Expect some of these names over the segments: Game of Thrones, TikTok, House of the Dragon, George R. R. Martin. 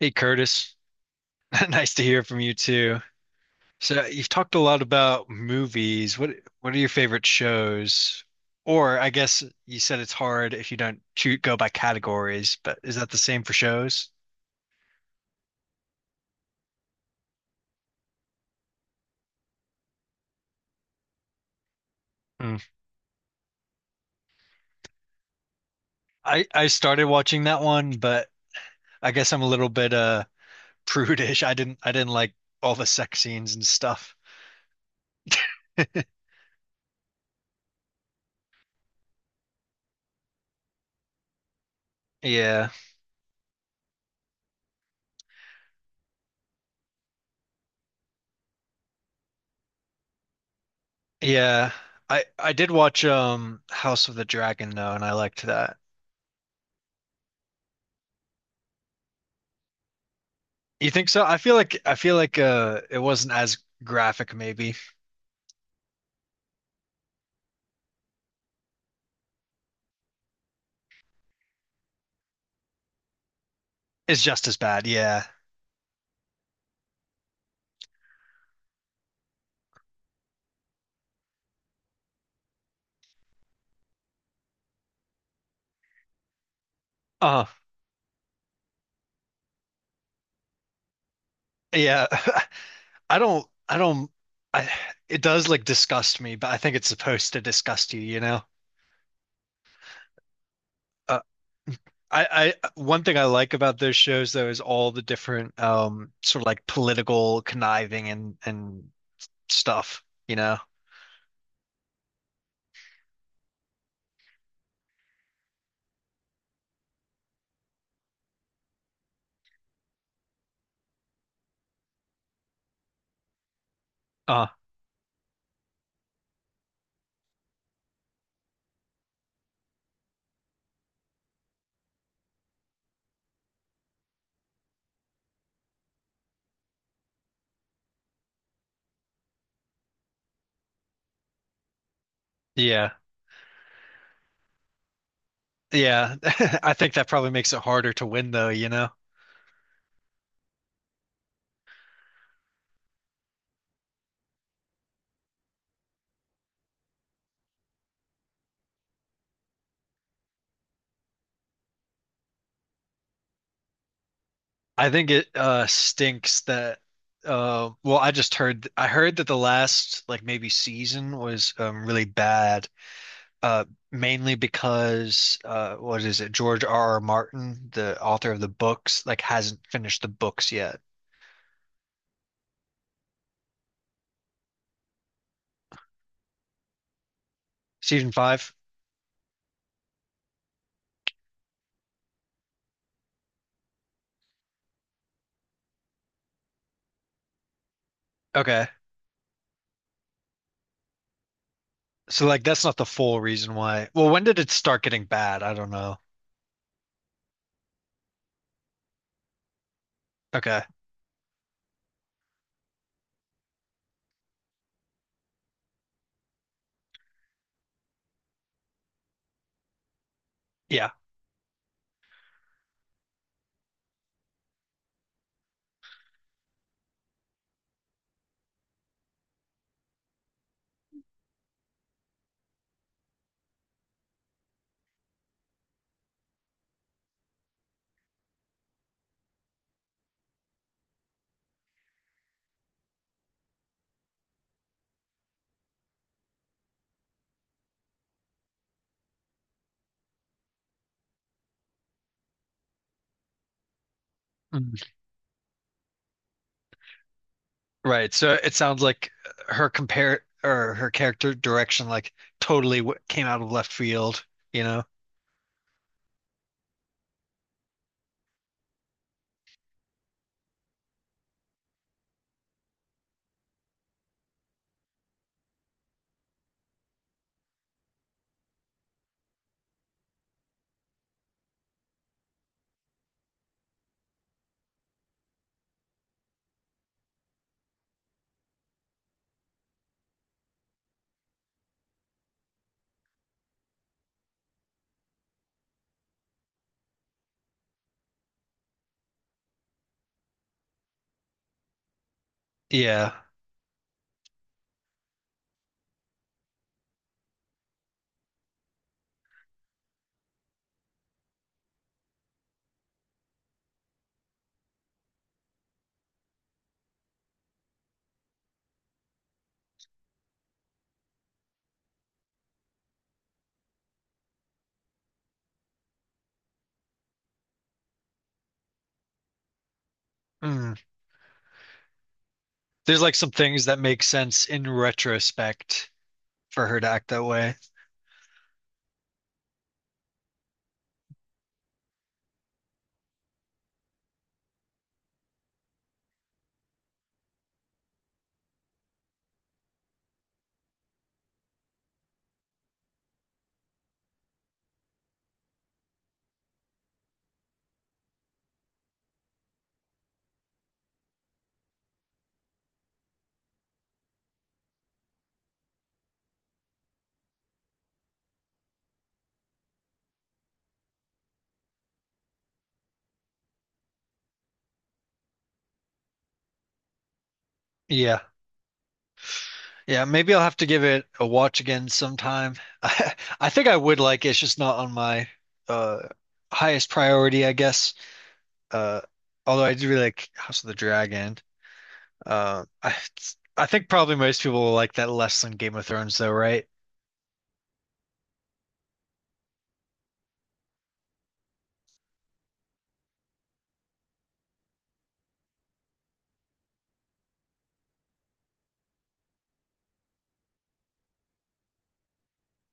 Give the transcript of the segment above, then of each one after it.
Hey Curtis, nice to hear from you too. So you've talked a lot about movies. What are your favorite shows? Or I guess you said it's hard if you don't shoot go by categories, but is that the same for shows? Hmm. I started watching that one, but I guess I'm a little bit prudish. I didn't like all the sex scenes and stuff. Yeah. Yeah. I did watch House of the Dragon though, and I liked that. You think so? I feel like it wasn't as graphic maybe. It's just as bad. Yeah. Uh yeah. I don't I it does like disgust me, but I think it's supposed to disgust you, you know? Uh, I one thing I like about those shows though is all the different sort of like political conniving and stuff, you know? Uh yeah. Yeah. I think that probably makes it harder to win though, you know? I think it stinks that well I just heard I heard that the last like maybe season was really bad uh mainly because what is it George R. R. Martin the author of the books like hasn't finished the books yet. Season five? Okay. So like that's not the full reason why. Well, when did it start getting bad? I don't know. Okay. Yeah. Right. So it sounds like her compare or her character direction like totally w came out of left field, you know? Yeah. Mm. There's like some things that make sense in retrospect for her to act that way. Yeah. Yeah, maybe I'll have to give it a watch again sometime. I, I think I would like it. It's just not on my uh highest priority, I guess. Uh although I do really like House of the Dragon. Uh I I think probably most people will like that less than Game of Thrones though, right?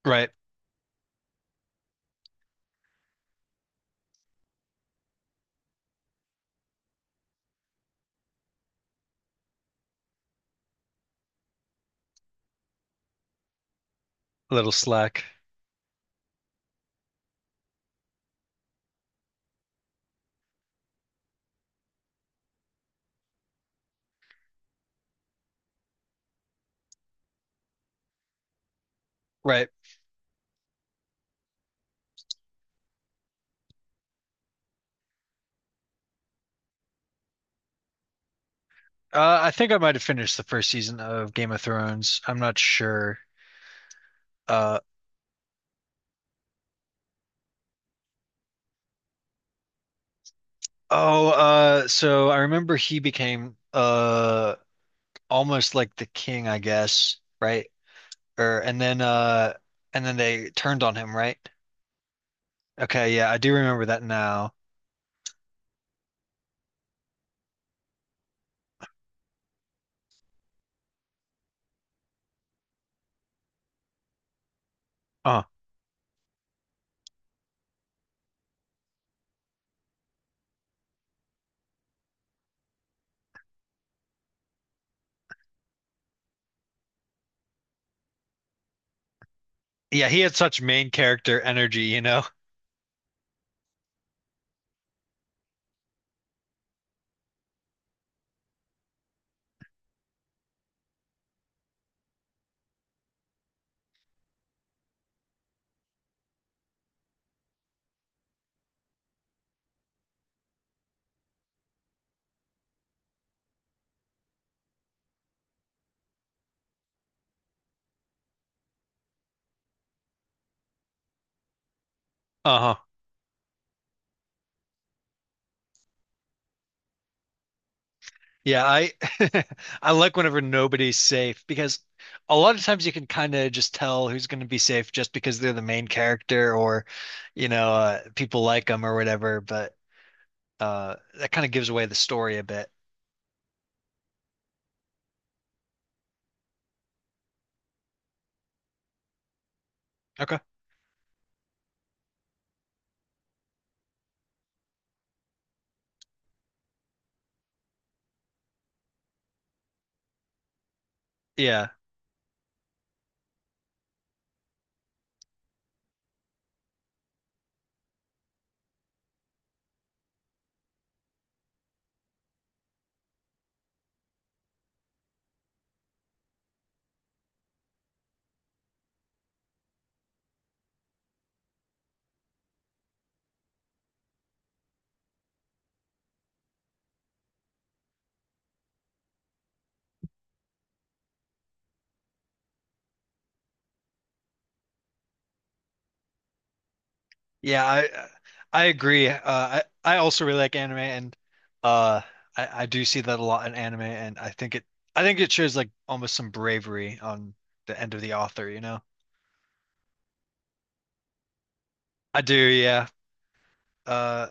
Right. A little slack. Right. I think I might have finished the first season of Game of Thrones. I'm not sure. Uh, oh, so I remember he became almost like the king, I guess, right? Or and then they turned on him, right? Okay, yeah, I do remember that now. Uh, yeah, he had such main character energy, you know. Uh-huh. Yeah, I I like whenever nobody's safe because a lot of times you can kind of just tell who's going to be safe just because they're the main character or you know people like them or whatever. But that kind of gives away the story a bit. Okay. Yeah, yeah, I agree. I also really like anime and uh, I do see that a lot in anime and I think it shows like almost some bravery on the end of the author. You know, I do. Yeah. Uh,